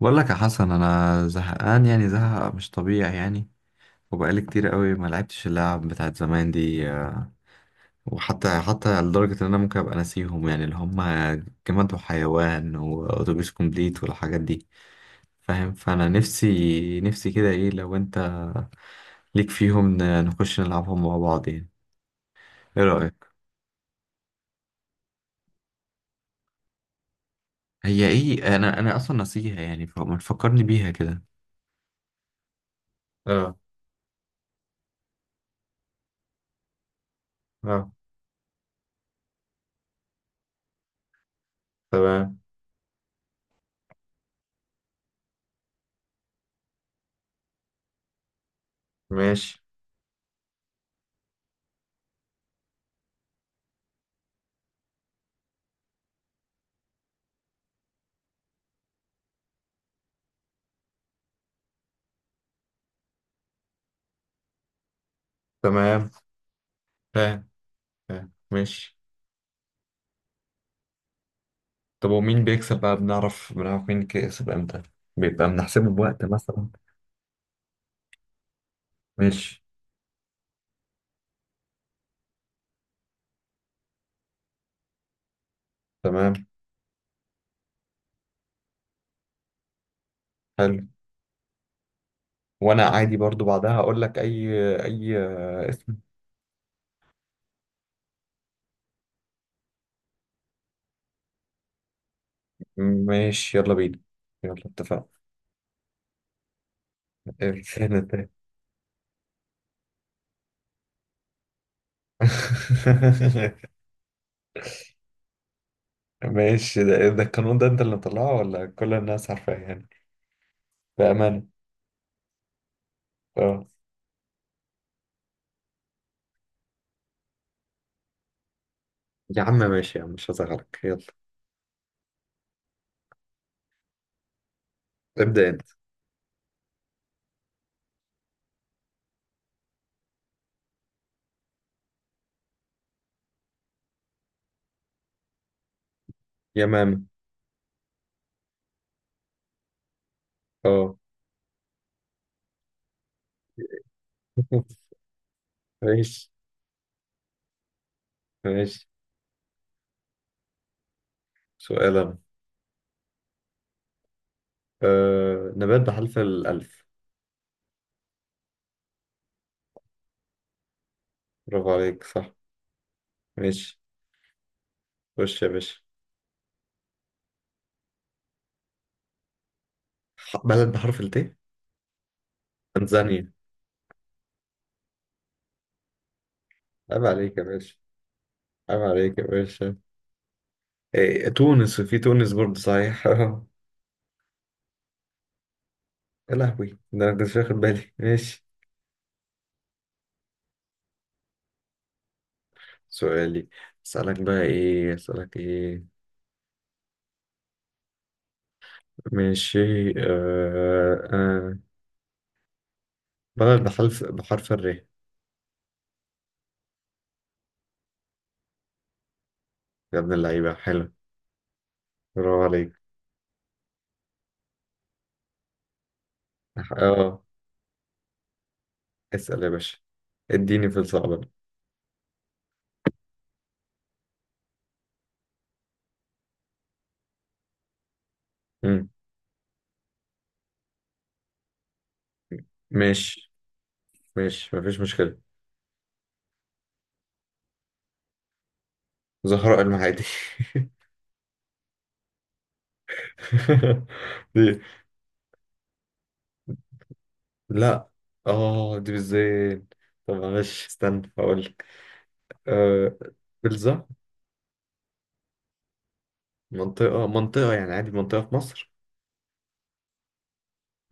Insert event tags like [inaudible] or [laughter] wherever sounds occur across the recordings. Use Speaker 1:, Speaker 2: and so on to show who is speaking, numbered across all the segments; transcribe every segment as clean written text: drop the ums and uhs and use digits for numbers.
Speaker 1: بقول لك يا حسن، انا زهقان يعني، زهق مش طبيعي يعني. وبقالي كتير قوي ما لعبتش اللعب بتاعت زمان دي. وحتى لدرجة ان انا ممكن ابقى ناسيهم، يعني اللي هم جماد وحيوان واتوبيس كومبليت والحاجات دي، فاهم؟ فانا نفسي كده، ايه لو انت ليك فيهم، نخش نلعبهم مع بعض يعني؟ ايه رأيك؟ هي ايه؟ انا اصلا ناسيها يعني، فما تفكرني بيها كده. اه. اه. تمام. ماشي. تمام. فاهم. فاهم ماشي. طب ومين بيكسب بقى؟ بنعرف مين كسب امتى؟ بيبقى بنحسبه بوقت مثلا؟ ماشي. تمام. حلو. وانا عادي برضو بعدها اقول لك اي، اي اسم. ماشي، يلا بينا. يلا اتفقنا. إيه ده؟ [laughs] ماشي، ده ده القانون ده انت اللي مطلعه ولا كل الناس عارفاه يعني؟ بأمانة. اه. يا عم ماشي يا عم، مش هزعلك، يلا. ابدأ انت. يا ماما. اه. [laughs] ماشي. ماشي. سؤال انا. آه، نبات بحرف الألف. برافو عليك، صح. ماشي. خش يا باشا. بلد بحرف الت. تنزانيا. عيب عليك يا باشا. عيب عليك يا باشا. إيه، تونس. في تونس برضه صحيح. [laughs] يا لهوي، ده انا كنت واخد بالي. ماشي. سؤالي. اسألك بقى ايه؟ اسألك ايه؟ ماشي. آه، آه. بلد بحرف الر. يا ابن اللعيبة، حلو. برافو عليك. اه. [laughs] اسأل يا باشا، اديني في الصعب. مم. ماشي. ماشي، مفيش مشكلة. زهراء المعادي. [laughs] [laughs] دي؟ لا. اه، دي بالذات. طب معلش استنى هقول لك. آه، بلزة. منطقة، منطقة يعني عادي، منطقة في مصر.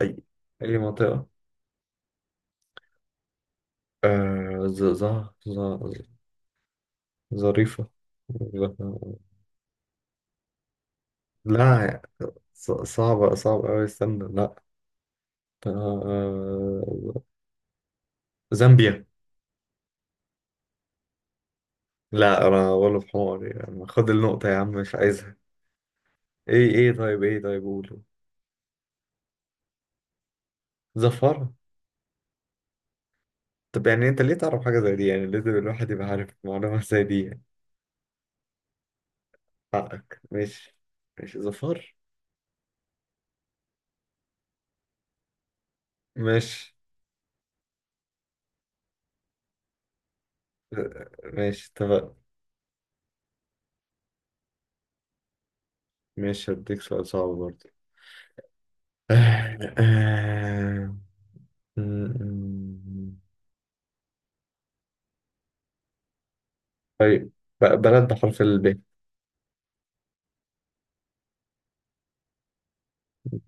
Speaker 1: أي، أي منطقة. آه، ز، ز، ز، ظريفة. ظ- لا. صعبة، صعبة أوي، استنى، لا. آه، زامبيا. لا، أنا ولا في حماري يعني، خد النقطة يا عم، مش عايزها. إيه، إيه، طيب إيه، طيب قول. زفارة. طب يعني انت ليه تعرف حاجة زي دي يعني؟ لازم الواحد يبقى عارف معلومة [laughs] زي دي يعني. حقك، ماشي. ماشي، ظفار. ماشي. ماشي، اتفق. ماشي، هديك سؤال صعب برضه. [laughs] آه، آه. طيب، بلد بحرف الب.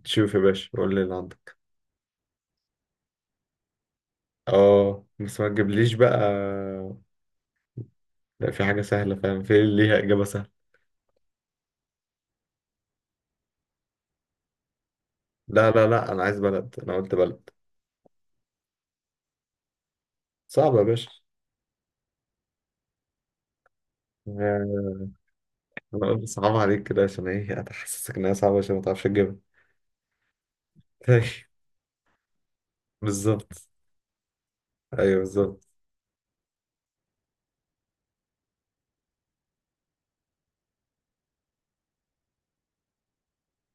Speaker 1: شوف يا باشا، قول لي اللي عندك. اه، بس ما تجيبليش بقى. لا، في حاجة سهلة، فاهم، في ليها إجابة سهلة. لا، أنا عايز بلد، أنا قلت بلد. صعبة يا باشا. أنا أقول صعب عليك كده عشان إيه؟ أتحسسك إنها صعبة عشان ما تعرفش تجيبها. [laughs] طيب. بالظبط. أيوه بالظبط.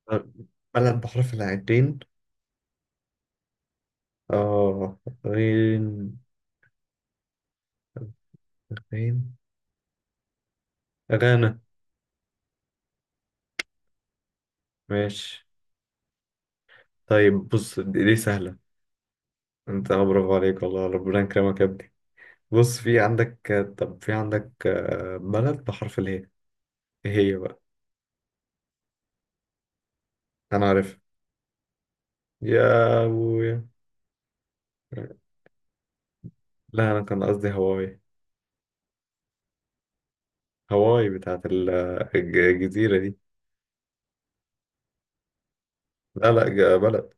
Speaker 1: طب، بلد بحرف العين. آه. غين. غين. غانا. ماشي. طيب، بص دي دي سهلة. أنت، برافو عليك والله، ربنا يكرمك يا ابني. بص، في عندك طب في عندك بلد بحرف الهي. إيه هي بقى؟ أنا عارف. يا أبويا. لا، أنا كان قصدي هواي. هواي بتاعت الجزيرة دي. لا بلد.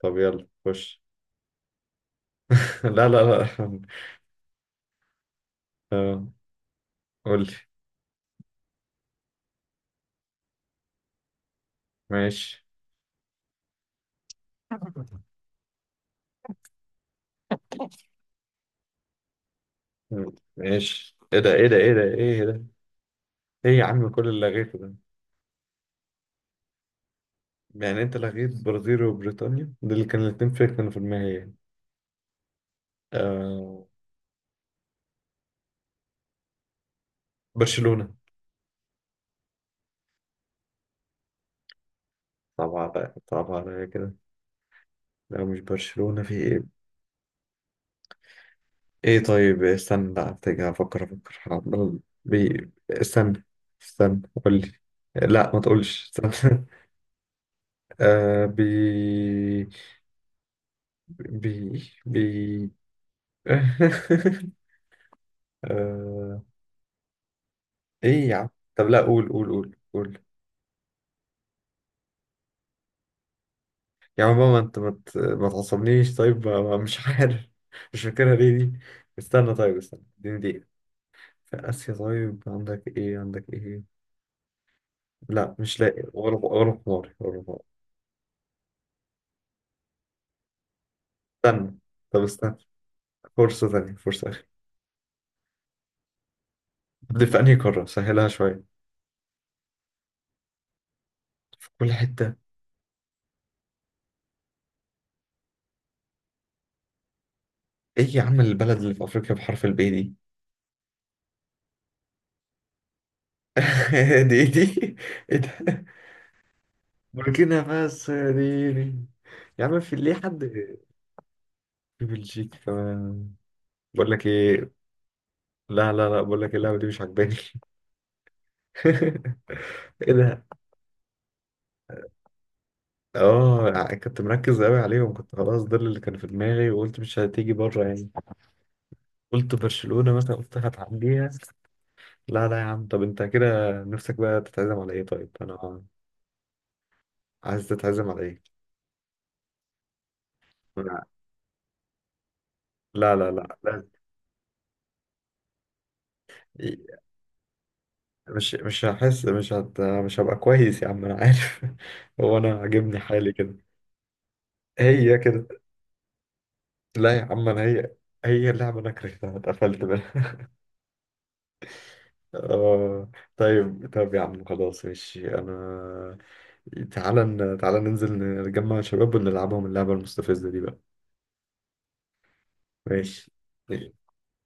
Speaker 1: طب يلا خش. [laughs] لا. آه. قول لي. ماشي. ماشي. ايه ده، ايه ده، ايه ده، ايه ده. ايه يا عم كل اللي لغيته ده؟ يعني انت لغيت برازيل وبريطانيا، دول اللي كانوا الاتنين في، كانوا في النهائي. آه. برشلونة. صعب عليا، صعب عليا كده. لا، مش برشلونة، في ايه؟ ايه، طيب استنى، لا افتكر، افكر، افكر عمال. بي، استنى. استنى قول لي. لا، ما تقولش استنى. [laughs] آه، بي. بي. بي. [laughs] آه. ايه يا عم؟ طب لا، قول، قول، قول، قول. يا عم ماما، انت ما تعصبنيش، طيب، مش عارف [laughs] مش فاكرها ليه دي. استنى، طيب استنى، اديني دقيقة. في آسيا؟ طيب عندك ايه؟ عندك ايه؟ لا، مش لاقي، ولا ولا حماري، ولا حماري. استنى. طب استنى، فرصة تانية، فرصة أخيرة. دي في أنهي قارة؟ سهلها شوية. في كل حتة. ايه يا عم البلد اللي في أفريقيا بحرف البي دي؟ [laughs] دي؟ دي؟ ايه ده؟ [laughs] بوركينا فاسو يا ديني. يا عم في ليه حد؟ في بلجيكا كمان. بقول لك ايه. لا، بقول لك إيه، اللعبه دي مش عجباني. [laughs] ايه ده. اه، كنت مركز قوي عليهم، كنت خلاص ده اللي كان في دماغي، وقلت مش هتيجي بره يعني. قلت برشلونه مثلا، قلت هتعديها. لا لا يا عم، طب انت كده نفسك بقى تتعزم على ايه؟ طيب انا عايز تتعزم على ايه؟ لا لا. مش هحس، مش هبقى كويس يا عم، انا عارف. [laughs] هو انا عاجبني حالي كده. هي كده. لا يا عم، انا هي، هي اللعبة انا كرهتها، اتقفلت منها. [laughs] آه. طيب، طب يا عم خلاص ماشي، انا تعالى، تعالى ننزل نجمع شباب ونلعبهم اللعبة المستفزة دي بقى. ماشي،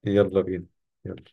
Speaker 1: يلا بينا. يلا.